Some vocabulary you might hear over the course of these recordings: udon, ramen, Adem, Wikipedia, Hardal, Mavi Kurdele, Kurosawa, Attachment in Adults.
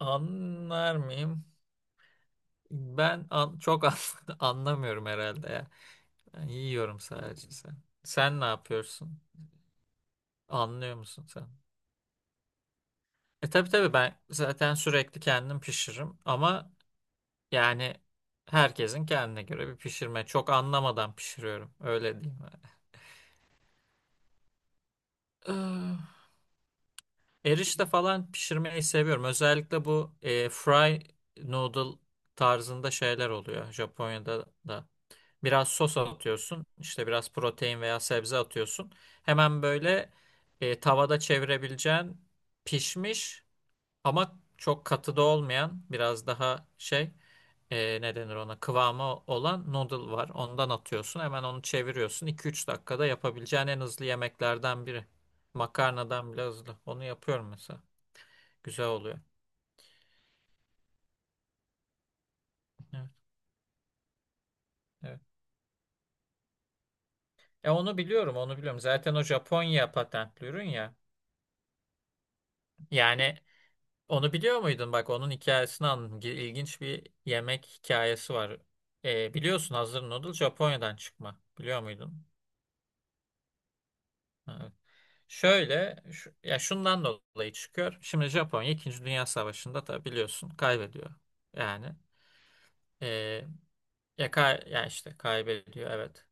Anlar mıyım? Ben anlamıyorum herhalde ya. Ben yiyorum sadece sen. Sen ne yapıyorsun? Anlıyor musun sen? Tabii tabii, ben zaten sürekli kendim pişiririm ama yani herkesin kendine göre bir pişirme. Çok anlamadan pişiriyorum. Öyle diyeyim. Yani. Erişte falan pişirmeyi seviyorum. Özellikle bu fry noodle tarzında şeyler oluyor Japonya'da da. Biraz sos atıyorsun. İşte biraz protein veya sebze atıyorsun. Hemen böyle tavada çevirebileceğin pişmiş ama çok katı da olmayan biraz daha ne denir ona, kıvamı olan noodle var. Ondan atıyorsun. Hemen onu çeviriyorsun. İki üç dakikada yapabileceğin en hızlı yemeklerden biri. Makarnadan bile hızlı. Onu yapıyorum mesela. Güzel oluyor. Evet, evet. E onu biliyorum, onu biliyorum. Zaten o Japonya patentli ürün ya. Yani onu biliyor muydun? Bak, onun hikayesini anladım. İlginç bir yemek hikayesi var. Biliyorsun, hazır noodle Japonya'dan çıkma. Biliyor muydun? Evet. Şöyle, ya şundan dolayı çıkıyor. Şimdi Japonya 2. Dünya Savaşı'nda tabii biliyorsun kaybediyor. Yani ee, ya, ya işte kaybediyor, evet.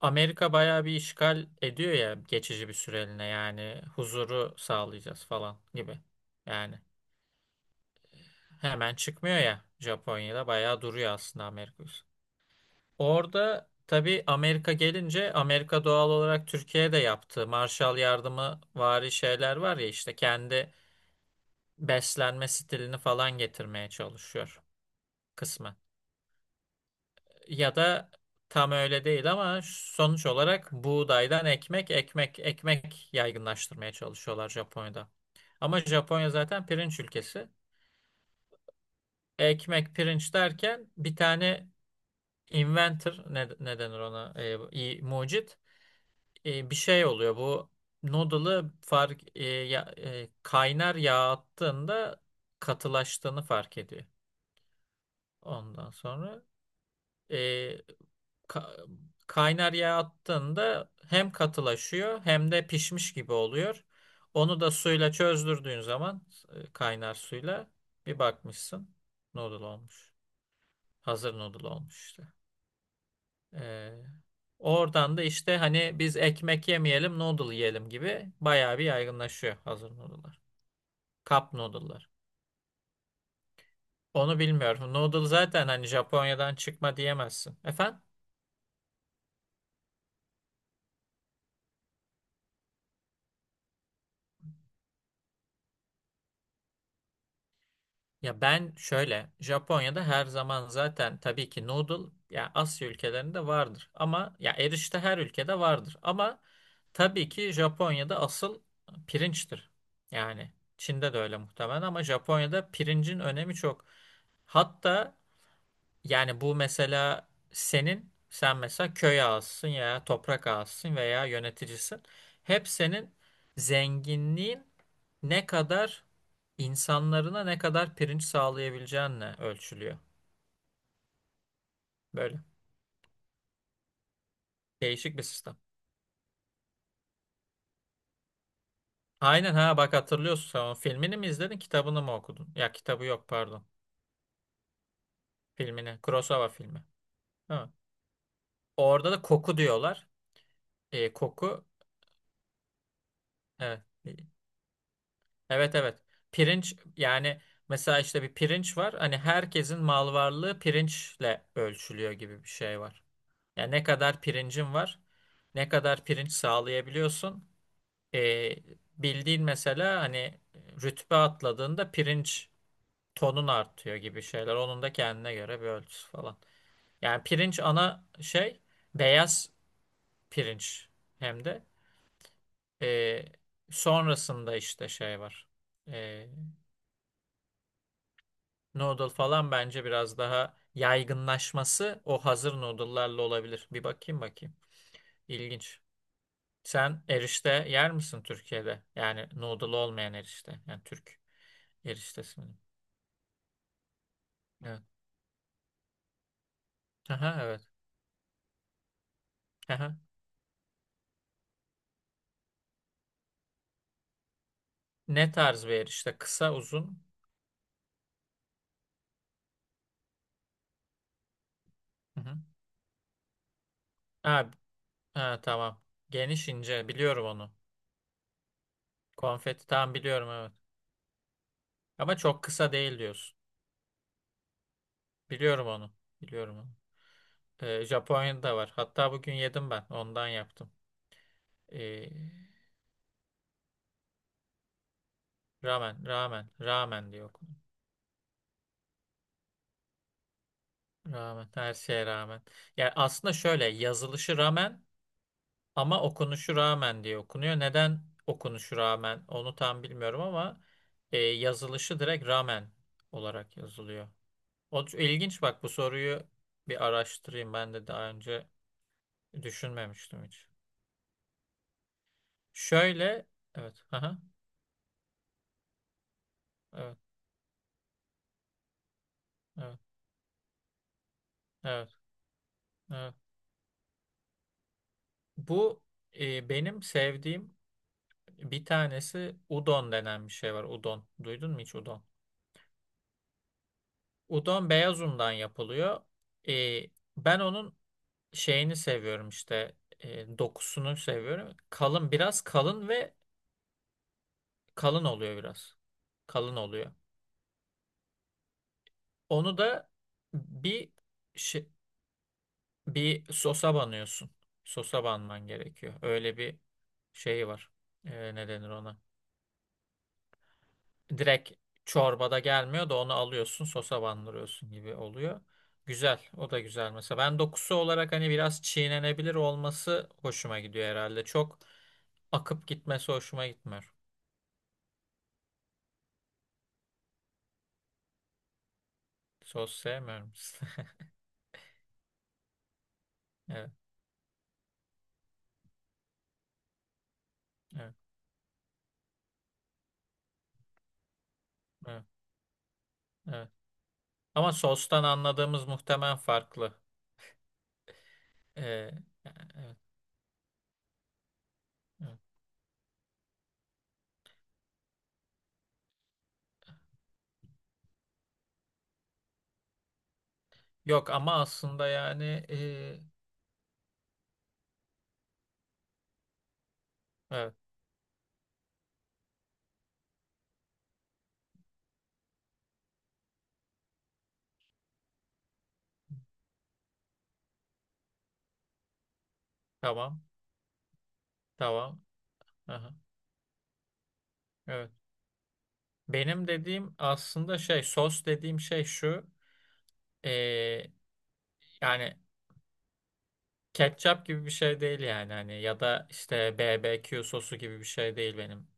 Amerika bayağı bir işgal ediyor ya, geçici bir süreliğine, yani huzuru sağlayacağız falan gibi. Yani hemen çıkmıyor ya, Japonya'da bayağı duruyor aslında Amerika. Orada tabii Amerika gelince, Amerika doğal olarak Türkiye'de yaptığı Marshall Yardımı vari şeyler var ya, işte kendi beslenme stilini falan getirmeye çalışıyor kısmen. Ya da tam öyle değil ama sonuç olarak buğdaydan ekmek, ekmek, ekmek yaygınlaştırmaya çalışıyorlar Japonya'da. Ama Japonya zaten pirinç ülkesi. Ekmek, pirinç derken bir tane inventor, ne, ne denir ona? Mucit, bir şey oluyor bu noodle'ı fark e, ya- e, kaynar yağ attığında katılaştığını fark ediyor. Ondan sonra e, ka- kaynar yağ attığında hem katılaşıyor hem de pişmiş gibi oluyor. Onu da suyla çözdürdüğün zaman, kaynar suyla, bir bakmışsın noodle olmuş. Hazır noodle olmuş işte. Ee, Oradan da işte hani biz ekmek yemeyelim noodle yiyelim gibi bayağı bir yaygınlaşıyor hazır noodle'lar. Cup noodle'lar. Onu bilmiyorum. Noodle zaten hani Japonya'dan çıkma diyemezsin. Efendim? Ya ben şöyle, Japonya'da her zaman zaten tabii ki noodle ya, Asya ülkelerinde vardır ama, ya erişte her ülkede vardır ama tabii ki Japonya'da asıl pirinçtir. Yani Çin'de de öyle muhtemelen ama Japonya'da pirincin önemi çok. Hatta yani bu mesela senin, sen mesela köy ağasısın ya, toprak ağasısın veya yöneticisin. Hep senin zenginliğin ne kadar, insanlarına ne kadar pirinç sağlayabileceğinle ölçülüyor. Böyle değişik bir sistem. Aynen, ha bak hatırlıyorsun sen, onun filmini mi izledin, kitabını mı okudun? Ya kitabı yok, pardon. Filmini. Kurosawa filmi. Ha. Orada da koku diyorlar. Koku, evet. Evet evet. Pirinç yani mesela işte bir pirinç var. Hani herkesin mal varlığı pirinçle ölçülüyor gibi bir şey var. Yani ne kadar pirincin var, ne kadar pirinç sağlayabiliyorsun. Ee, Bildiğin mesela hani rütbe atladığında pirinç tonun artıyor gibi şeyler. Onun da kendine göre bir ölçüsü falan. Yani pirinç ana şey, beyaz pirinç, hem de Ee, sonrasında işte şey var. Ee, Noodle falan bence biraz daha yaygınlaşması o hazır noodle'larla olabilir. Bir bakayım bakayım. İlginç. Sen erişte yer misin Türkiye'de? Yani noodle olmayan erişte. Yani Türk eriştesi mi? Evet. Aha, evet. Aha. Ne tarz bir erişte? Kısa, uzun? Hı hı. Ha, ha, tamam. Geniş, ince. Biliyorum onu. Konfeti tam biliyorum, evet. Ama çok kısa değil diyorsun. Biliyorum onu. Biliyorum onu. Japonya'da da var. Hatta bugün yedim ben. Ondan yaptım. Ee, Rağmen, rağmen, rağmen diyor, okudum. Rağmen, her şeye rağmen. Yani aslında şöyle, yazılışı rağmen ama okunuşu rağmen diye okunuyor. Neden okunuşu rağmen onu tam bilmiyorum ama yazılışı direkt rağmen olarak yazılıyor. İlginç bak bu soruyu bir araştırayım. Ben de daha önce düşünmemiştim hiç. Şöyle, evet, aha, evet, evet, evet, evet. Bu benim sevdiğim bir tanesi, udon denen bir şey var. Udon. Duydun mu hiç udon? Udon beyaz undan yapılıyor. Ee, Ben onun şeyini seviyorum, işte dokusunu seviyorum. Kalın, biraz kalın ve kalın oluyor biraz. Kalın oluyor. Onu da bir şey, bir sosa banıyorsun. Sosa banman gerekiyor. Öyle bir şey var. Ne denir ona? Direkt çorbada gelmiyor da, onu alıyorsun sosa bandırıyorsun gibi oluyor. Güzel. O da güzel. Mesela ben dokusu olarak hani biraz çiğnenebilir olması hoşuma gidiyor herhalde. Çok akıp gitmesi hoşuma gitmiyor. Sos sevmiyorum. Evet, evet, evet, evet. Ama sostan anladığımız muhtemelen farklı. Ee, Yani evet, evet. Yok ama aslında yani ee, evet, tamam tamam. Aha, evet. Benim dediğim aslında şey, sos dediğim şey şu. Ee, Yani ketçap gibi bir şey değil yani, hani ya da işte BBQ sosu gibi bir şey değil benim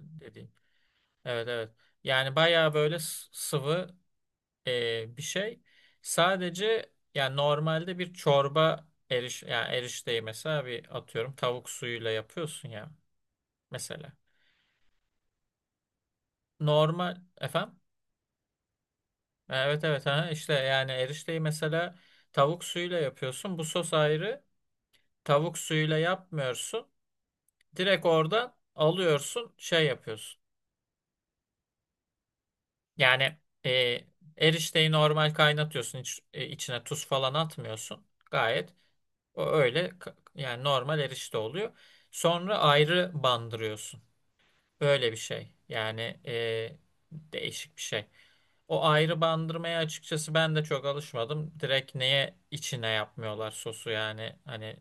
dediğim. Evet evet. Yani bayağı böyle sıvı bir şey. Sadece yani normalde bir çorba yani erişteyi mesela, bir atıyorum tavuk suyuyla yapıyorsun ya mesela. Normal efendim. Evet evet, ha işte yani erişteyi mesela tavuk suyuyla yapıyorsun. Bu sos ayrı. Tavuk suyuyla yapmıyorsun. Direkt oradan alıyorsun, şey yapıyorsun. Yani e, erişteyi normal kaynatıyorsun. Hiç, içine tuz falan atmıyorsun. Gayet yani normal erişte oluyor. Sonra ayrı bandırıyorsun. Böyle bir şey. Yani değişik bir şey. O ayrı bandırmaya açıkçası ben de çok alışmadım. Direkt neye içine yapmıyorlar sosu yani, hani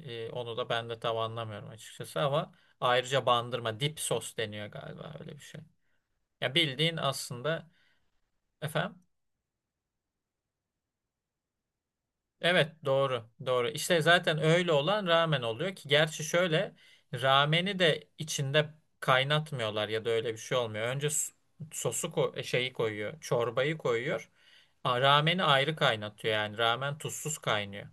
onu da ben de tam anlamıyorum açıkçası ama, ayrıca bandırma dip sos deniyor galiba, öyle bir şey. Ya bildiğin aslında efendim. Evet doğru doğru. İşte zaten öyle olan ramen oluyor ki, gerçi şöyle, rameni de içinde kaynatmıyorlar ya da öyle bir şey olmuyor. Sosu şeyi koyuyor, çorbayı koyuyor. Rameni ayrı kaynatıyor, yani ramen tuzsuz kaynıyor.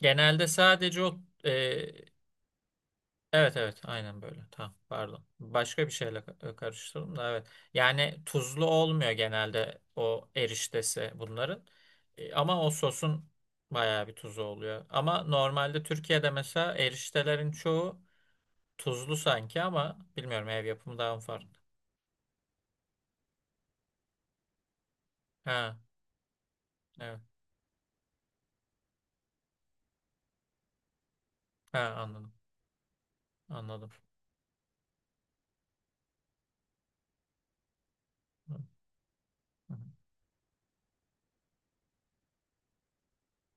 Genelde sadece o e, evet evet aynen böyle. Tamam pardon. Başka bir şeyle karıştırdım da, evet. Yani tuzlu olmuyor genelde o eriştesi bunların. Ama o sosun bayağı bir tuzu oluyor. Ama normalde Türkiye'de mesela eriştelerin çoğu tuzlu sanki, ama bilmiyorum, ev yapımı daha mı farklı. Ha evet. Ha, anladım. Anladım. Hı hı.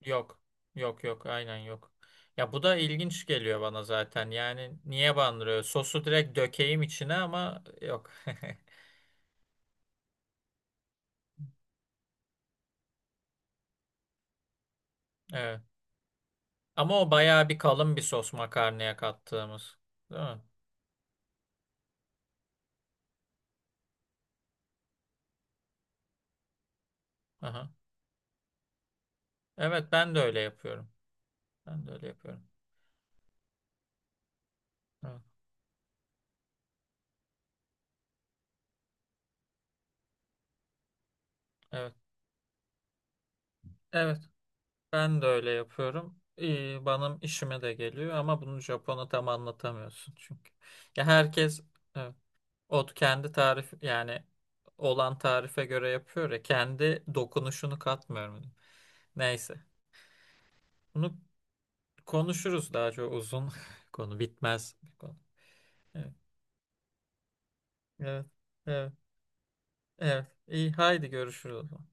Yok. Yok yok, aynen yok. Ya bu da ilginç geliyor bana zaten. Yani niye bandırıyor? Sosu direkt dökeyim içine ama yok. Evet. Ama o bayağı bir kalın bir sos makarnaya kattığımız. Değil mi? Aha. Evet ben de öyle yapıyorum. Ben de öyle yapıyorum. Evet. Evet. Evet, ben de öyle yapıyorum. İyi, benim işime de geliyor ama bunu Japon'a tam anlatamıyorsun çünkü. Ya herkes, evet. O kendi tarif yani olan tarife göre yapıyor ya, kendi dokunuşunu katmıyorum. Neyse. Bunu konuşuruz, daha çok uzun konu, bitmez bir konu. Evet. Evet. Evet. Evet. İyi haydi, görüşürüz o zaman.